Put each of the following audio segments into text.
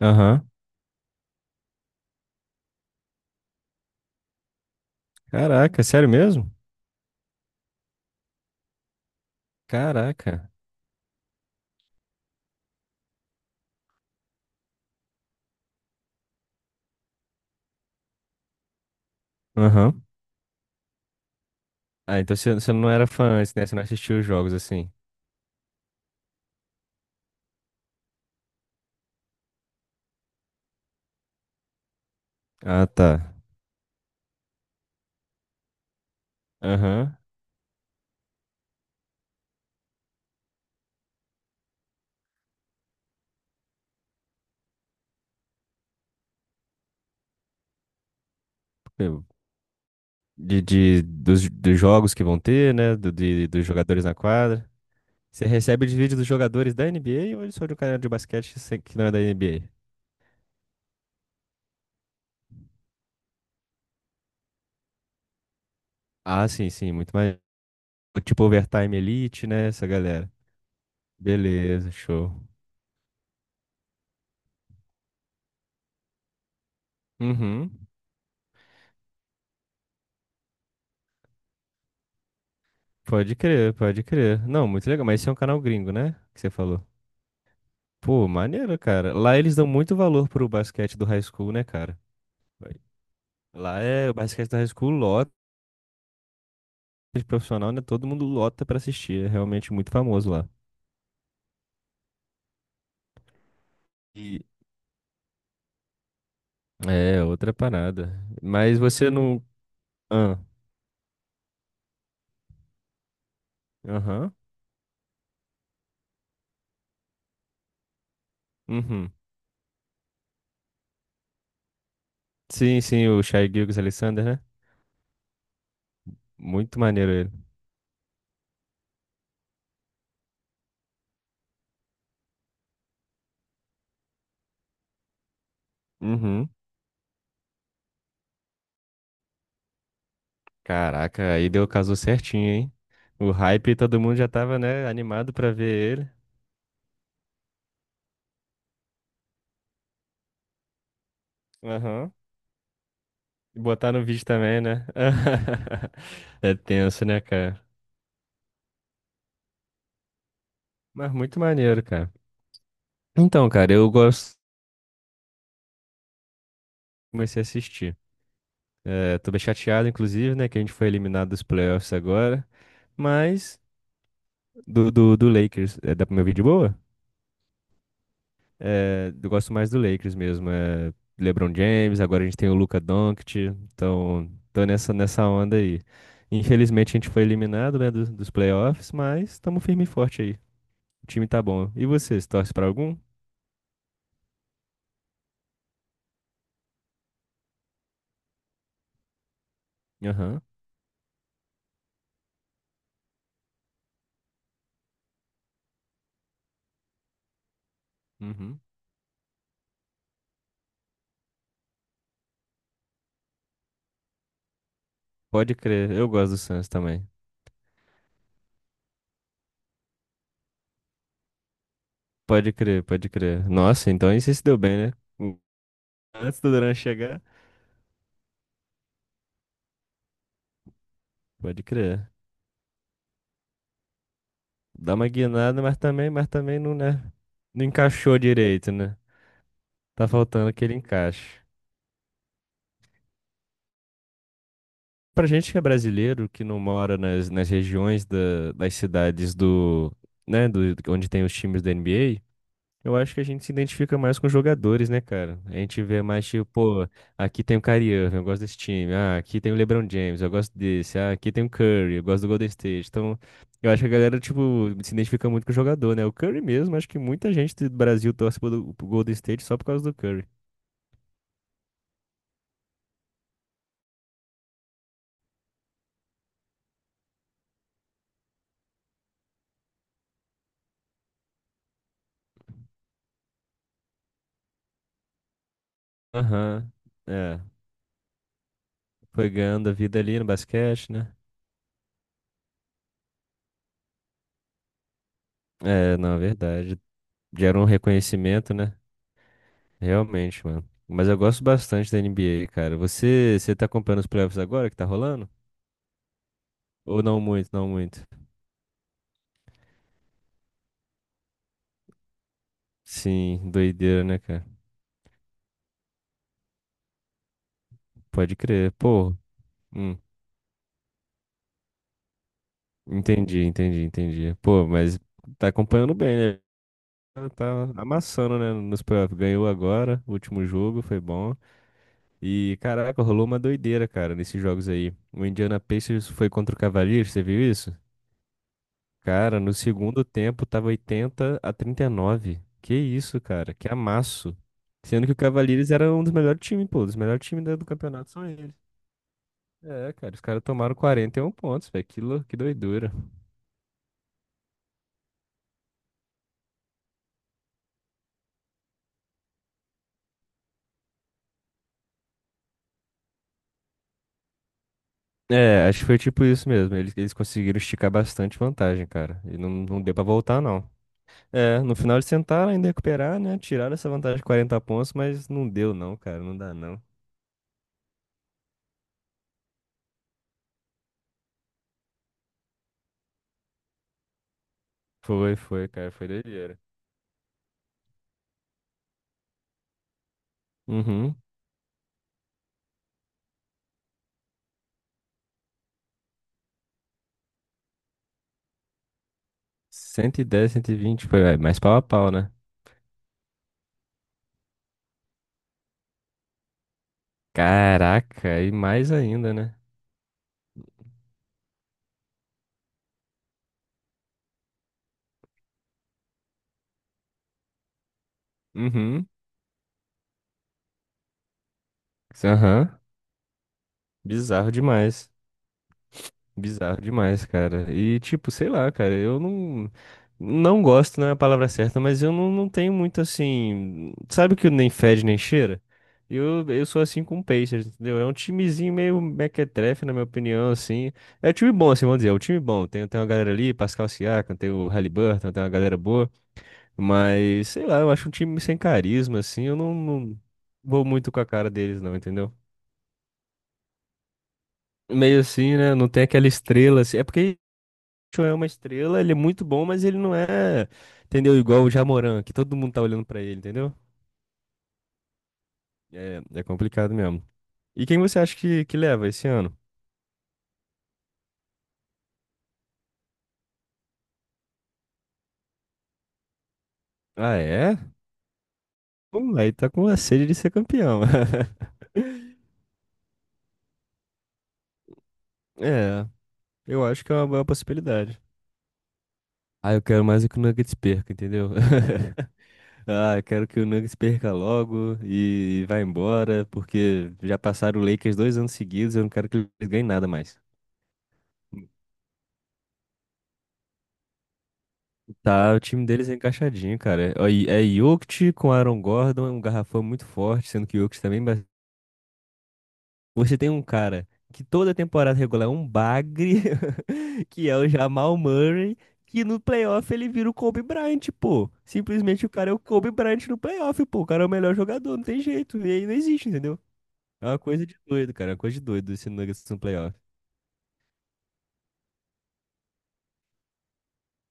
Aham. Caraca, sério mesmo? Caraca. Aham. Ah, então você não era fã antes, né? Você não assistiu os jogos assim. Ah, tá. Aham. Eu- dos jogos que vão ter, né? Dos jogadores na quadra. Você recebe os vídeos dos jogadores da NBA ou só de um canal de basquete que não é da NBA? Ah, sim, sim. Muito mais. Tipo Overtime Elite, né? Essa galera. Beleza, show. Uhum. Pode crer, pode crer. Não, muito legal. Mas esse é um canal gringo, né? Que você falou. Pô, maneiro, cara. Lá eles dão muito valor pro basquete do high school, né, cara? Vai. Lá é o basquete do high school lota, de profissional, né? Todo mundo lota pra assistir. É realmente muito famoso lá. E é outra parada. Mas você não. Ah, aham. Uhum. Sim, sim, o Shai Gilgeous-Alexander, né? Muito maneiro ele. Uhum. Caraca, aí deu casou certinho, hein? O hype, todo mundo já tava, né, animado pra ver ele. Aham. E botar no vídeo também, né? É tenso, né, cara? Mas muito maneiro, cara. Então, cara, eu gosto. Comecei a assistir. É, tô bem chateado, inclusive, né? Que a gente foi eliminado dos playoffs agora. Mas do Lakers. É, dá pro meu vídeo boa? É, eu gosto mais do Lakers mesmo. É, LeBron James, agora a gente tem o Luka Doncic. Então, tô nessa onda aí. Infelizmente a gente foi eliminado, né, dos playoffs, mas tamo firme e forte aí. O time tá bom. E você torce pra algum? Aham. Uhum. Pode crer. Eu gosto do Suns também. Pode crer, pode crer. Nossa, então aí você se deu bem, né? O- Antes do Duran chegar, pode crer. Dá uma guinada, mas também não, né? Não encaixou direito, né? Tá faltando aquele encaixe. Pra gente que é brasileiro, que não mora nas regiões das cidades do, né, onde tem os times da NBA, eu acho que a gente se identifica mais com os jogadores, né, cara? A gente vê mais tipo, pô, aqui tem o Kyrie Irving, eu gosto desse time. Ah, aqui tem o LeBron James, eu gosto desse. Ah, aqui tem o Curry, eu gosto do Golden State. Então, eu acho que a galera, tipo, se identifica muito com o jogador, né? O Curry mesmo, acho que muita gente do Brasil torce pro Golden State só por causa do Curry. Aham. É, foi ganhando a vida ali no basquete, né? É, não, é verdade. Gera um reconhecimento, né? Realmente, mano. Mas eu gosto bastante da NBA, cara. Você tá acompanhando os playoffs agora que tá rolando? Ou não muito, não muito? Sim, doideira, né, cara? Pode crer. Pô, hum, entendi, entendi, entendi. Pô, mas tá acompanhando bem, né? Tá amassando, né, nos playoffs. Ganhou agora, o último jogo, foi bom. E, caraca, rolou uma doideira, cara, nesses jogos aí. O Indiana Pacers foi contra o Cavaliers, você viu isso? Cara, no segundo tempo tava 80-39. Que isso, cara? Que amasso. Sendo que o Cavaliers era um dos melhores times, pô. Os melhores times do campeonato são eles. É, cara, os caras tomaram 41 pontos, velho. Que, que doidura. É, acho que foi tipo isso mesmo. Eles conseguiram esticar bastante vantagem, cara. E não, não deu pra voltar, não. É, no final eles tentaram ainda recuperar, né? Tiraram essa vantagem de 40 pontos, mas não deu, não, cara. Não dá, não. Foi, foi, cara. Foi doideira. Uhum. 110, 120. Foi, é, mais pau a pau, né? Caraca, e mais ainda, né? Uhum. Aham. Bizarro demais. Bizarro demais, cara. E tipo, sei lá, cara, eu não gosto, não é a palavra certa, mas eu não tenho muito assim, sabe que nem fede nem cheira? Eu sou assim com o Pacers, entendeu? É um timezinho meio mequetrefe, na minha opinião, assim. É um time bom, assim, vamos dizer, é um time bom. Tem uma galera ali, Pascal Siakam, tem o Haliburton, tem uma galera boa. Mas, sei lá, eu acho um time sem carisma, assim, eu não vou muito com a cara deles, não, entendeu? Meio assim, né? Não tem aquela estrela, assim. É porque o Show é uma estrela, ele é muito bom, mas ele não é, entendeu? Igual o Jamoran, que todo mundo tá olhando pra ele, entendeu? É complicado mesmo. E quem você acha que leva esse ano? Ah, é? Aí tá com a sede de ser campeão. É, eu acho que é uma boa possibilidade. Ah, eu quero mais é que o Nuggets perca, entendeu? Ah, eu quero que o Nuggets perca logo e vá embora, porque já passaram o Lakers 2 anos seguidos, eu não quero que eles ganhem nada mais. Tá, o time deles é encaixadinho, cara. É, ó, é Jokic com Aaron Gordon, é um garrafão muito forte, sendo que o Jokic também, mas você tem um cara que toda temporada regular é um bagre, que é o Jamal Murray, que no playoff ele vira o Kobe Bryant, pô. Simplesmente o cara é o Kobe Bryant no playoff, pô. O cara é o melhor jogador, não tem jeito. E aí não existe, entendeu? É uma coisa de doido, cara. É uma coisa de doido esse Nuggets no playoff.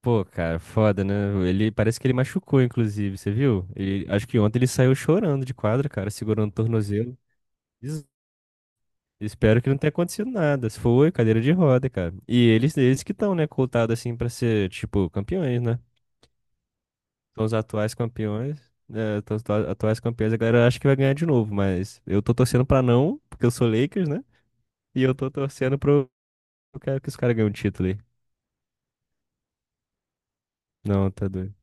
Pô, cara, foda, né? Ele parece que ele machucou, inclusive, você viu? Acho que ontem ele saiu chorando de quadra, cara, segurando o tornozelo. Es- Espero que não tenha acontecido nada. Se foi, cadeira de roda, cara. E eles que estão, né, cotados assim pra ser, tipo, campeões, né? São os atuais campeões. Né? São os atuais campeões, a galera acha que vai ganhar de novo, mas eu tô torcendo pra não, porque eu sou Lakers, né? E eu tô torcendo pro. Eu quero que os caras ganhem o título aí. Não, tá doido.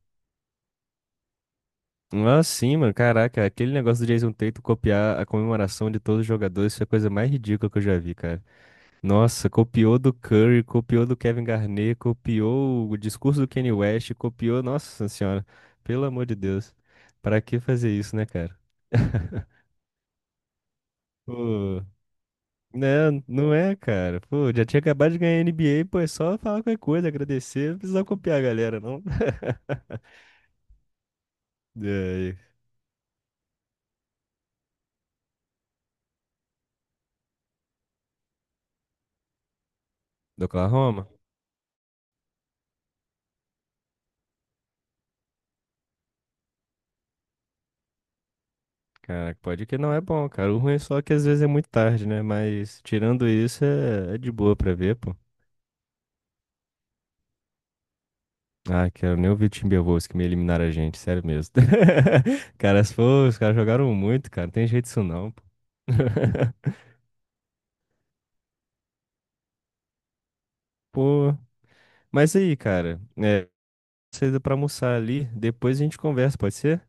Ah, sim, mano. Caraca, aquele negócio do Jason Tatum copiar a comemoração de todos os jogadores foi a coisa mais ridícula que eu já vi, cara. Nossa, copiou do Curry, copiou do Kevin Garnett, copiou o discurso do Kanye West, copiou. Nossa senhora, pelo amor de Deus. Pra que fazer isso, né, cara? Pô, né, não é, cara. Pô, já tinha acabado de ganhar NBA, pô, é só falar qualquer coisa, agradecer, não precisa copiar a galera, não. E aí, do Oklahoma? Cara, pode que não é bom, cara. O ruim é só que às vezes é muito tarde, né? Mas tirando isso, é de boa pra ver, pô. Ah, quero nem ouvir o Timberwolves que me eliminaram a gente, sério mesmo. Cara, se for, os caras jogaram muito, cara. Não tem jeito isso não, pô. Pô, mas aí, cara, saída pra almoçar ali, depois a gente conversa, pode ser?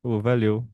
Pô, valeu.